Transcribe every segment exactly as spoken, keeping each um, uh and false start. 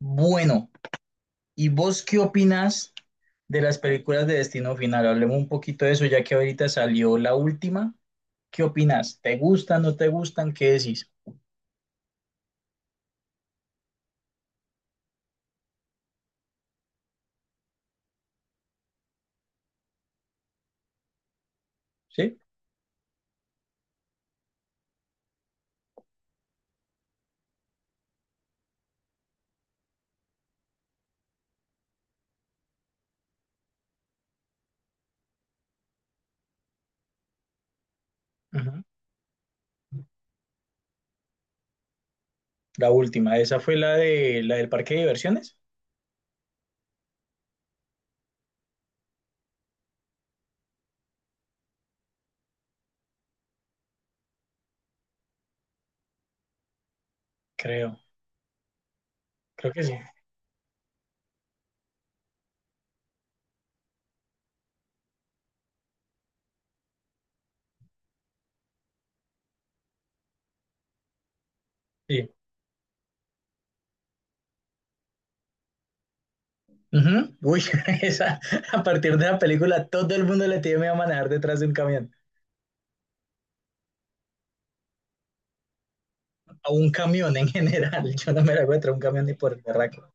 Bueno, ¿y vos qué opinas de las películas de Destino Final? Hablemos un poquito de eso, ya que ahorita salió la última. ¿Qué opinas? ¿Te gustan, no te gustan? ¿Qué decís? ¿Sí? Ujú. La última, esa fue la de la del parque de diversiones, creo. Creo que sí. Sí. Ujú. Uy, esa, a partir de la película todo el mundo le tiene a manejar detrás de un camión, a un camión en general. Yo no me la voy a traer un camión ni por el barraco.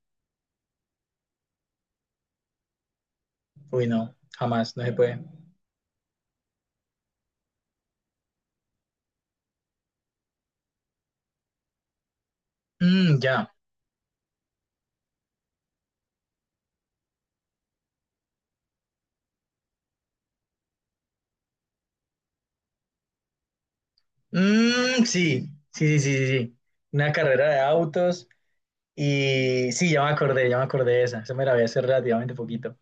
Uy, no, jamás, no se puede. Mm, ya. Mm, sí, sí, sí, sí, sí. Una carrera de autos. Y sí, ya me acordé, ya me acordé de esa. Esa me la vi hace relativamente poquito.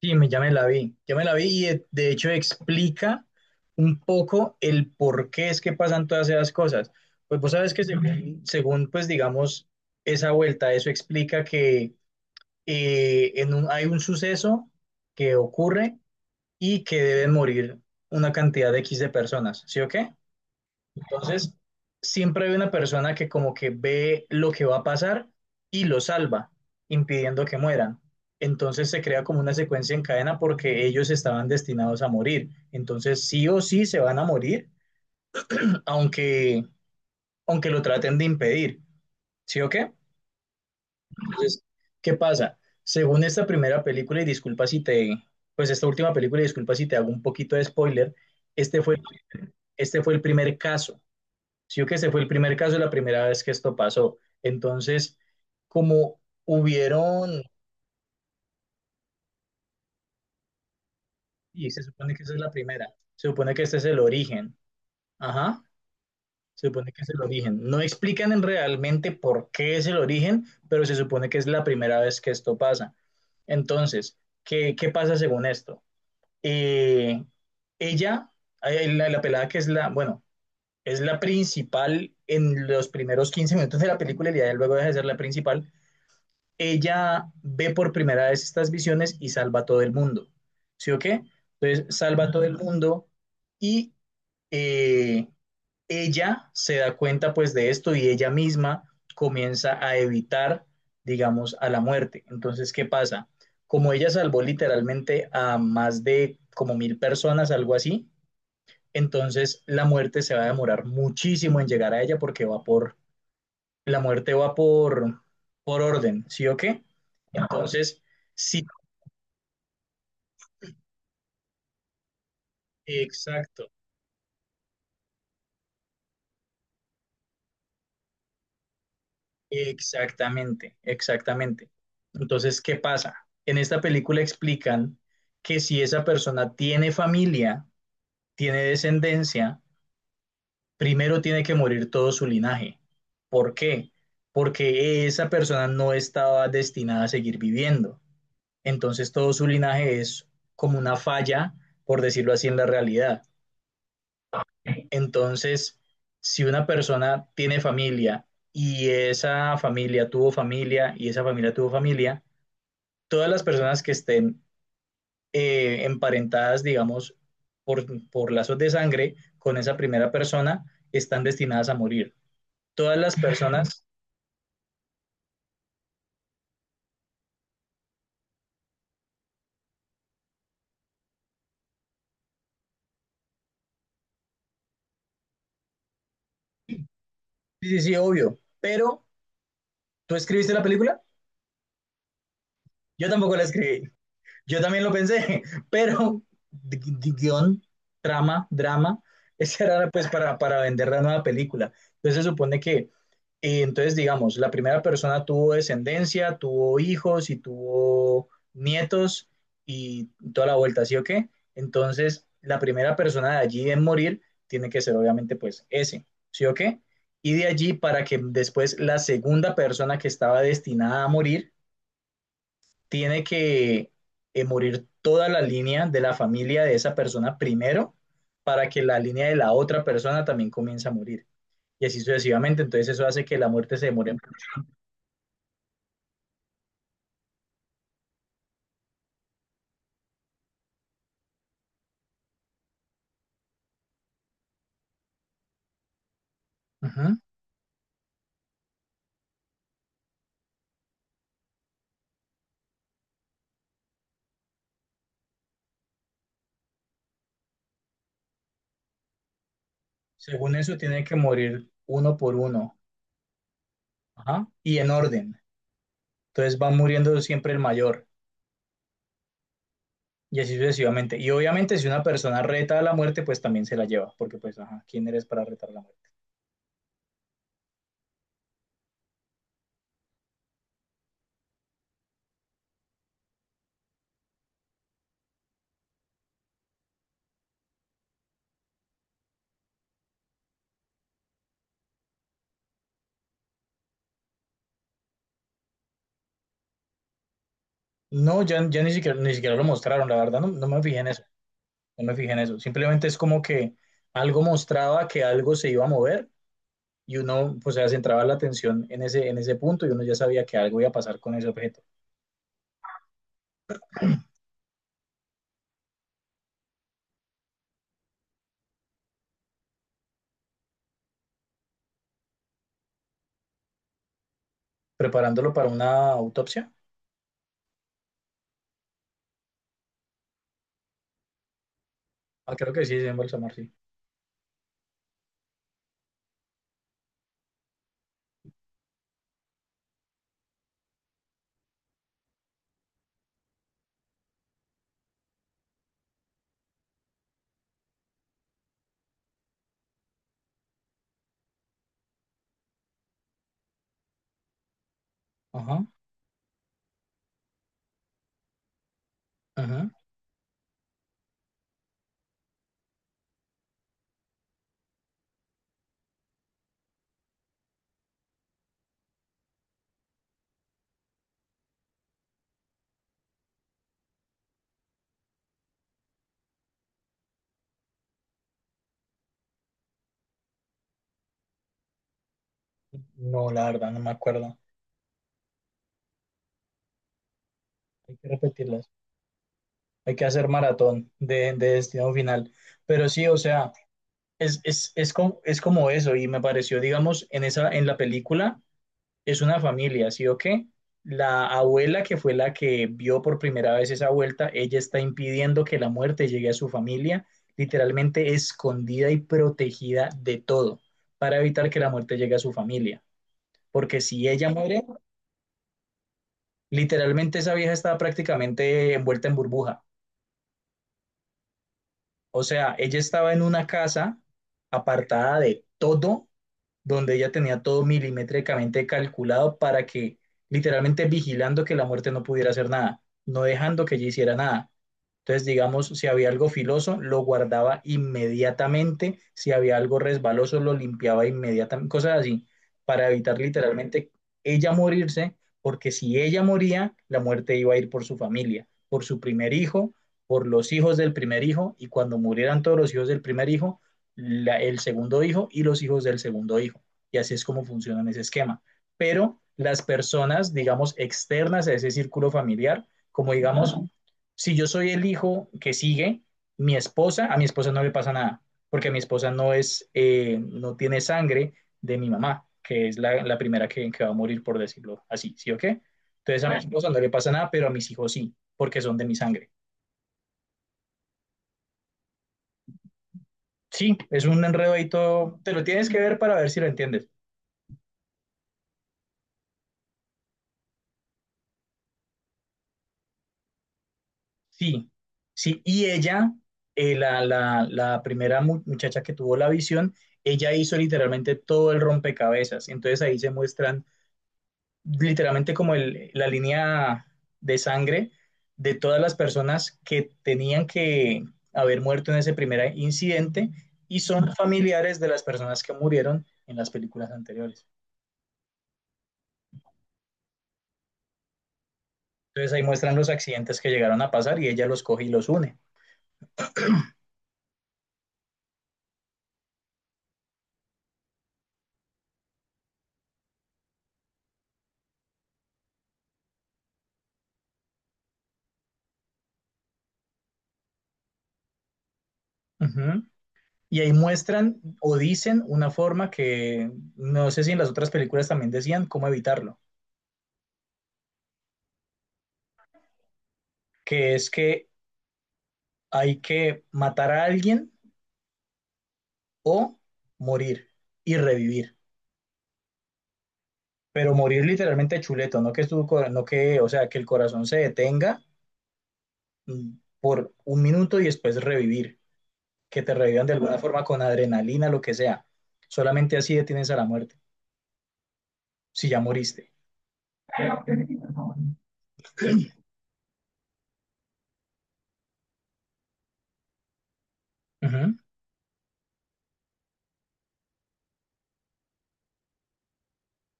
Sí, me, ya me la vi. Ya me la vi y de, de hecho explica un poco el por qué es que pasan todas esas cosas. Pues vos sabes que según, según, pues digamos, esa vuelta, eso explica que eh, en un, hay un suceso que ocurre y que deben morir una cantidad de X de personas, ¿sí o qué? Entonces, siempre hay una persona que como que ve lo que va a pasar y lo salva, impidiendo que mueran. Entonces se crea como una secuencia en cadena porque ellos estaban destinados a morir. Entonces sí o sí se van a morir, aunque, aunque lo traten de impedir. ¿Sí o qué? Entonces, ¿qué pasa? Según esta primera película, y disculpa si te, pues esta última película, y disculpa si te hago un poquito de spoiler, este fue, este fue el primer caso. Sí, o que ese fue el primer caso, la primera vez que esto pasó. Entonces, como hubieron, y se supone que esa es la primera, se supone que este es el origen, ajá, se supone que es el origen. No explican en realmente por qué es el origen, pero se supone que es la primera vez que esto pasa. Entonces, ¿qué, qué pasa según esto? Eh, ella, eh, la, la pelada que es la, bueno, es la principal en los primeros quince minutos de la película y ya luego deja de ser la principal. Ella ve por primera vez estas visiones y salva a todo el mundo. ¿Sí o qué? Entonces salva a todo el mundo y eh, ella se da cuenta pues de esto y ella misma comienza a evitar, digamos, a la muerte. Entonces, ¿qué pasa? Como ella salvó literalmente a más de como mil personas, algo así, entonces la muerte se va a demorar muchísimo en llegar a ella porque va por la muerte va por, por orden, ¿sí o qué? Entonces, sí, exacto, exactamente, exactamente. Entonces, ¿qué pasa? En esta película explican que si esa persona tiene familia, tiene descendencia, primero tiene que morir todo su linaje. ¿Por qué? Porque esa persona no estaba destinada a seguir viviendo. Entonces, todo su linaje es como una falla, por decirlo así, en la realidad. Entonces, si una persona tiene familia y esa familia tuvo familia y esa familia tuvo familia, todas las personas que estén eh, emparentadas, digamos, por, por lazos de sangre con esa primera persona están destinadas a morir. Todas las personas, sí, sí, sí, obvio, pero ¿tú escribiste la película? Yo tampoco la escribí. Yo también lo pensé, pero gu- gu- guión, trama, drama, esa era pues para, para vender la nueva película. Entonces se supone que, eh, entonces digamos, la primera persona tuvo descendencia, tuvo hijos y tuvo nietos y toda la vuelta, ¿sí o qué? Entonces la primera persona de allí en morir tiene que ser obviamente pues ese, ¿sí o qué? Y de allí para que después la segunda persona que estaba destinada a morir tiene que eh, morir toda la línea de la familia de esa persona primero para que la línea de la otra persona también comience a morir. Y así sucesivamente, entonces eso hace que la muerte se demore. Ajá. Según eso, tiene que morir uno por uno. Ajá. Y en orden. Entonces va muriendo siempre el mayor. Y así sucesivamente. Y obviamente si una persona reta a la muerte, pues también se la lleva. Porque pues, ajá, ¿quién eres para retar a la muerte? No, ya, ya ni siquiera, ni siquiera, lo mostraron, la verdad, no, no me fijé en eso, no me fijé en eso. Simplemente es como que algo mostraba que algo se iba a mover y uno, pues, se centraba la atención en ese, en ese punto y uno ya sabía que algo iba a pasar con ese objeto. Preparándolo para una autopsia. Ah, creo que sí, es en Balsamar, sí. Ajá, ajá. No, la verdad, no me acuerdo. Hay que repetirlas. Hay que hacer maratón de, de destino final. Pero sí, o sea, es, es, es, como, es como eso y me pareció, digamos, en, esa, en la película es una familia, ¿sí o qué? La abuela que fue la que vio por primera vez esa vuelta, ella está impidiendo que la muerte llegue a su familia, literalmente escondida y protegida de todo, para evitar que la muerte llegue a su familia. Porque si ella muere, literalmente esa vieja estaba prácticamente envuelta en burbuja. O sea, ella estaba en una casa apartada de todo donde ella tenía todo milimétricamente calculado para que, literalmente vigilando que la muerte no pudiera hacer nada, no dejando que ella hiciera nada. Entonces, digamos, si había algo filoso, lo guardaba inmediatamente, si había algo resbaloso, lo limpiaba inmediatamente, cosas así, para evitar literalmente ella morirse, porque si ella moría, la muerte iba a ir por su familia, por su primer hijo, por los hijos del primer hijo, y cuando murieran todos los hijos del primer hijo, la, el segundo hijo y los hijos del segundo hijo. Y así es como funciona en ese esquema. Pero las personas, digamos, externas a ese círculo familiar, como digamos, uh -huh. Si yo soy el hijo que sigue, mi esposa, a mi esposa no le pasa nada, porque mi esposa no es, eh, no tiene sangre de mi mamá, que es la, la primera que, que, va a morir, por decirlo así, ¿sí o qué? Entonces a uh -huh. Mi esposa no le pasa nada, pero a mis hijos sí, porque son de mi sangre. Sí, es un enredo ahí todo, te lo tienes que ver para ver si lo entiendes. Sí, sí, y ella, eh, la, la- la primera mu- muchacha que tuvo la visión, ella hizo literalmente todo el rompecabezas. Entonces ahí se muestran literalmente como el- la línea de sangre de todas las personas que tenían que haber muerto en ese primer incidente y son familiares de las personas que murieron en las películas anteriores. Entonces ahí muestran los accidentes que llegaron a pasar y ella los coge y los une. Y ahí muestran o dicen una forma que no sé si en las otras películas también decían cómo evitarlo, que es que hay que matar a alguien o morir y revivir, pero morir literalmente chuleto, no que tu, no que, o sea, que el corazón se detenga mm, por un minuto y después revivir, que te revivan de alguna forma con adrenalina, lo que sea. Solamente así detienes a la muerte, si ya moriste. Uh -huh,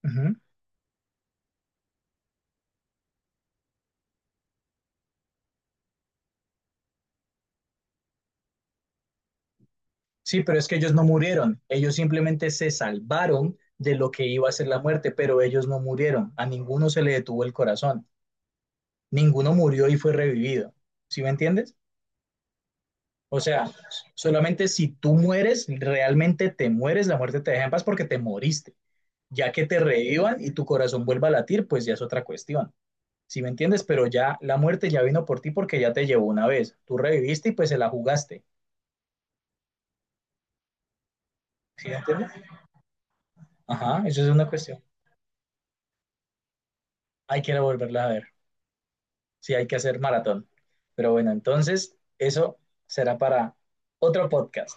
uh -huh. Sí, pero es que ellos no murieron, ellos simplemente se salvaron de lo que iba a ser la muerte, pero ellos no murieron, a ninguno se le detuvo el corazón, ninguno murió y fue revivido, ¿sí me entiendes? O sea, solamente si tú mueres, realmente te mueres, la muerte te deja en paz porque te moriste, ya que te revivan y tu corazón vuelva a latir, pues ya es otra cuestión, ¿sí me entiendes? Pero ya la muerte ya vino por ti porque ya te llevó una vez, tú reviviste y pues se la jugaste, ¿sí me entiendes? Ajá, eso es una cuestión, hay que volverla a ver. Sí, hay que hacer maratón. Pero bueno, entonces eso será para otro podcast.